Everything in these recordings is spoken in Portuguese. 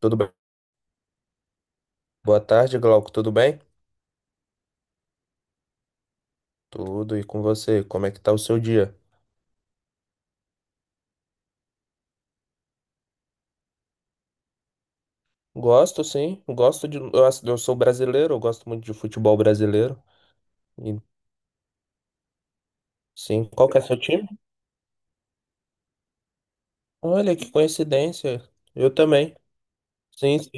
Tudo bem? Boa tarde, Glauco. Tudo bem? Tudo. E com você? Como é que tá o seu dia? Gosto, sim. Gosto de. Eu, eu sou brasileiro, eu gosto muito de futebol brasileiro. E, sim. Qual que é seu time? Olha, que coincidência. Eu também. Sim, sim.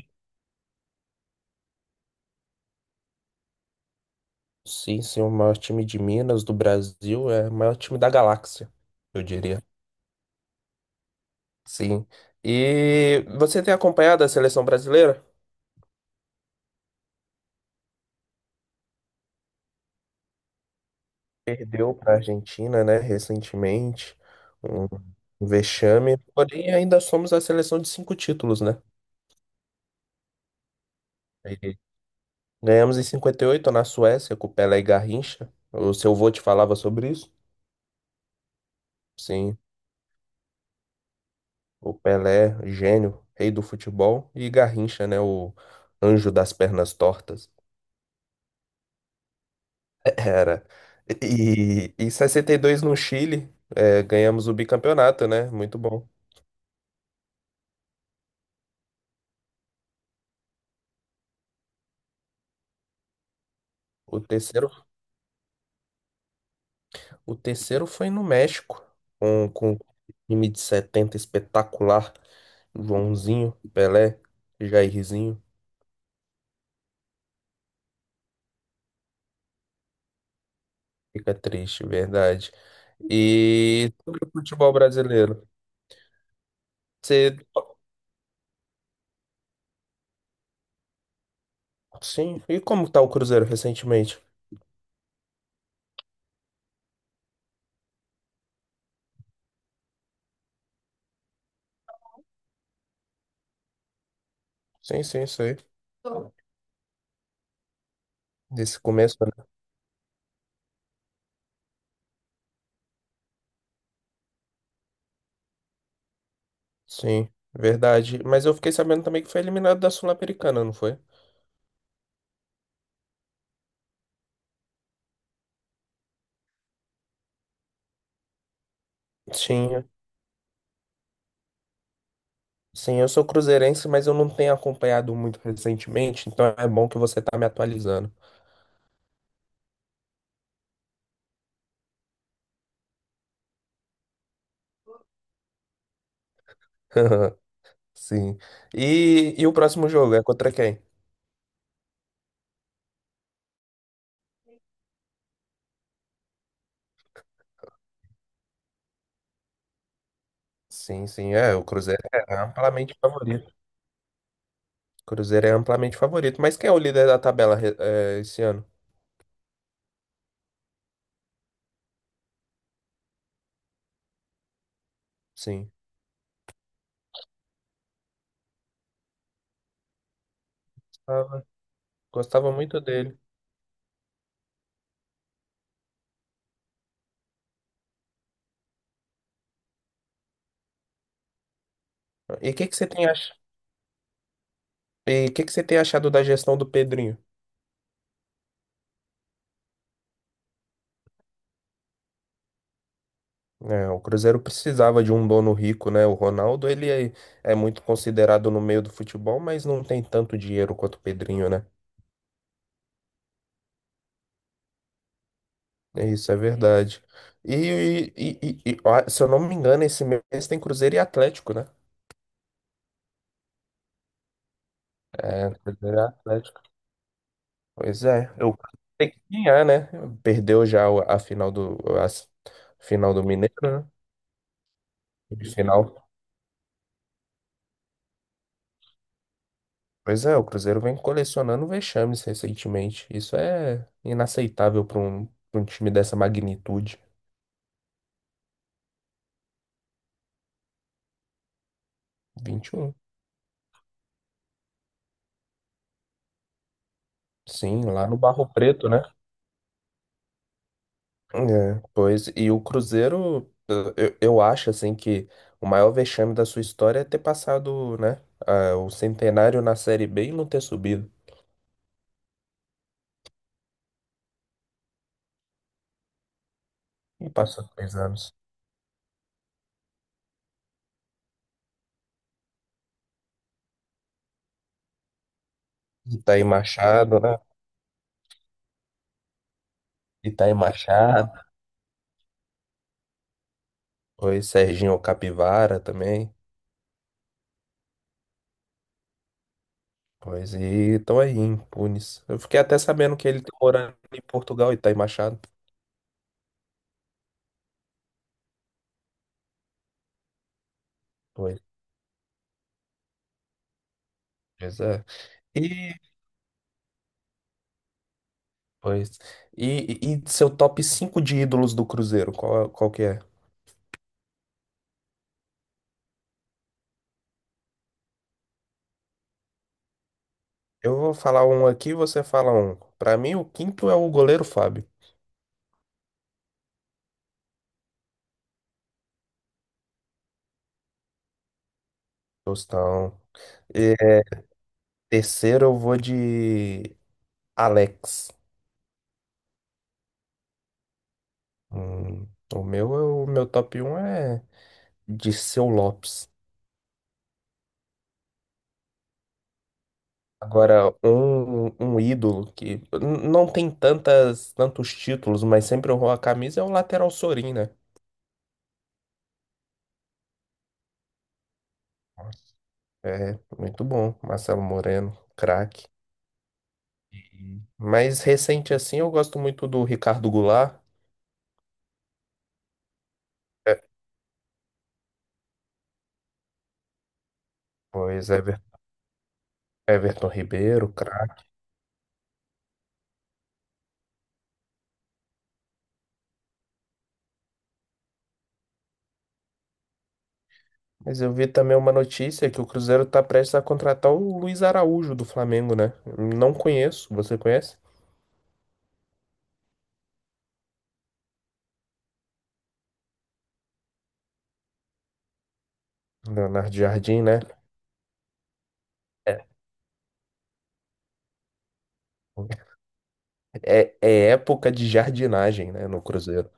Sim, sim, o maior time de Minas, do Brasil, é o maior time da galáxia, eu diria. Sim. E você tem acompanhado a seleção brasileira? Perdeu para a Argentina, né, recentemente, um um vexame. Porém, ainda somos a seleção de cinco títulos, né? E Ganhamos em 58 na Suécia com o Pelé e Garrincha. O seu vô te falava sobre isso? Sim, o Pelé, gênio, rei do futebol, e Garrincha, né, o anjo das pernas tortas. Era. E em 62 no Chile, é, ganhamos o bicampeonato, né? Muito bom. O terceiro O terceiro foi no México, com o time de 70 espetacular. Joãozinho, Pelé, Jairzinho. Fica triste, verdade. E sobre o futebol brasileiro. Você... Sim, e como tá o Cruzeiro recentemente? Sim, sim, sei. Desse começo, né? Sim, verdade. Mas eu fiquei sabendo também que foi eliminado da Sul-Americana, não foi? Sim, sim, eu sou cruzeirense, mas eu não tenho acompanhado muito recentemente, então é bom que você tá me atualizando. Sim. E o próximo jogo é contra quem? Sim, sim, é. O Cruzeiro é amplamente favorito. O Cruzeiro é amplamente favorito. Mas quem é o líder da tabela, é, esse ano? Sim. Gostava, gostava muito dele. E o que que você tem ach... E que você tem achado da gestão do Pedrinho? É, o Cruzeiro precisava de um dono rico, né? O Ronaldo, ele é, é muito considerado no meio do futebol, mas não tem tanto dinheiro quanto o Pedrinho, né? É. Isso é verdade. E, ó, se eu não me engano, esse mês tem Cruzeiro e Atlético, né? É, Cruzeiro e Atlético. Pois é, eu tem que ganhar, né? Perdeu já a final do a s- final do Mineiro, né? Final. Pois é, o Cruzeiro vem colecionando vexames recentemente. Isso é inaceitável para pra um time dessa magnitude. 21. Sim, lá no Barro Preto, né? É, pois, e o Cruzeiro, eu acho assim que o maior vexame da sua história é ter passado, né, ah, o centenário na Série B e não ter subido. E passou três anos. E tá aí Machado, né? E tá aí Machado. Pois, Serginho Capivara também. Pois, e estão aí, impunes. Eu fiquei até sabendo que ele tá morando em Portugal e tá aí Machado. Pois, pois é. E, pois, e, e seu top 5 de ídolos do Cruzeiro, qual, qual que é? Eu vou falar um aqui, você fala um. Pra mim, o quinto é o goleiro Fábio. Tostão. E, é, terceiro, eu vou de Alex. Hum, o meu top um é de Seu Lopes. Agora, um ídolo que não tem tantos títulos, mas sempre honrou a camisa é o lateral Sorin, né? É, muito bom. Marcelo Moreno, craque. Uhum. Mas recente assim, eu gosto muito do Ricardo Goulart. É, pois é. Everton Ribeiro, craque. Mas eu vi também uma notícia que o Cruzeiro tá prestes a contratar o Luiz Araújo do Flamengo, né? Não conheço, você conhece? Leonardo Jardim, né? É, é época de jardinagem, né, no Cruzeiro.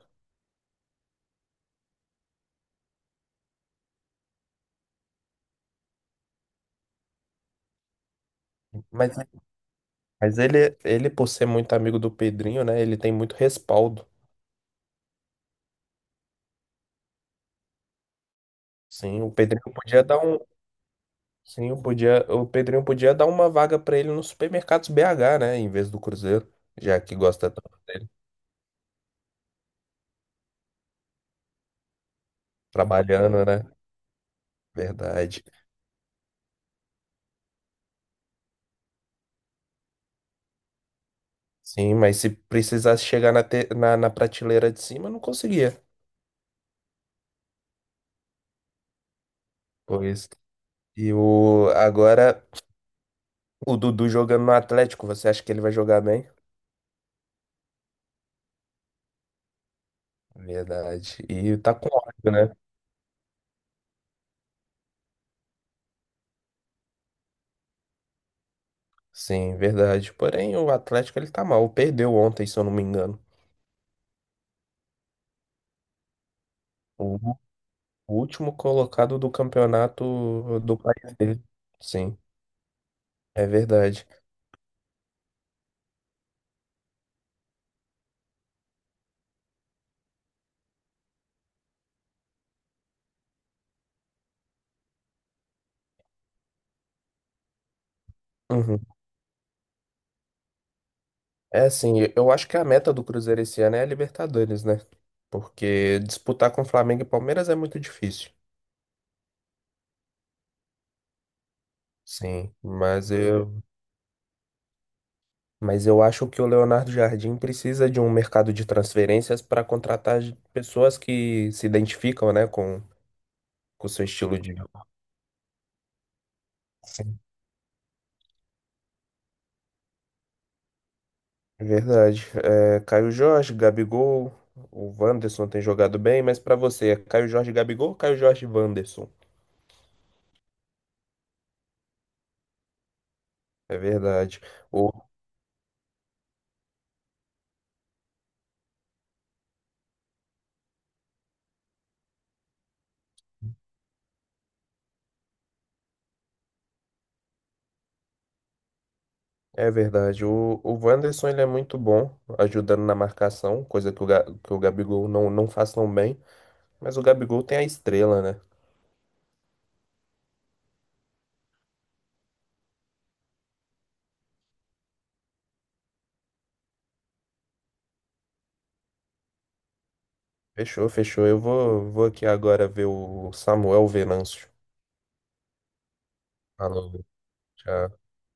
Mas, mas ele, por ser muito amigo do Pedrinho, né, ele tem muito respaldo. Sim, o Pedrinho podia dar um, sim, o Pedrinho podia dar uma vaga pra ele nos supermercados BH, né, em vez do Cruzeiro, já que gosta tanto dele, trabalhando, né? Verdade. Sim, mas se precisasse chegar na prateleira de cima, não conseguia. Pois. E o, agora, o Dudu jogando no Atlético, você acha que ele vai jogar bem? Verdade. E tá com ódio, né? Sim, verdade. Porém, o Atlético, ele tá mal. Perdeu ontem, se eu não me engano. O, o último colocado do campeonato do país dele. Sim, é verdade. Uhum. É assim, eu acho que a meta do Cruzeiro esse ano é a Libertadores, né? Porque disputar com Flamengo e Palmeiras é muito difícil. Sim, mas eu, mas eu acho que o Leonardo Jardim precisa de um mercado de transferências para contratar pessoas que se identificam, né, com o seu estilo de jogo. Sim. Verdade. É, Caio Jorge, Gabigol, o Wanderson tem jogado bem, mas para você, é Caio Jorge, Gabigol ou Caio Jorge, e Wanderson? É verdade. O, é verdade. O Wanderson ele é muito bom ajudando na marcação, coisa que que o Gabigol não faz tão bem, mas o Gabigol tem a estrela, né? Fechou, fechou. Vou aqui agora ver o Samuel Venâncio. Falou, tchau.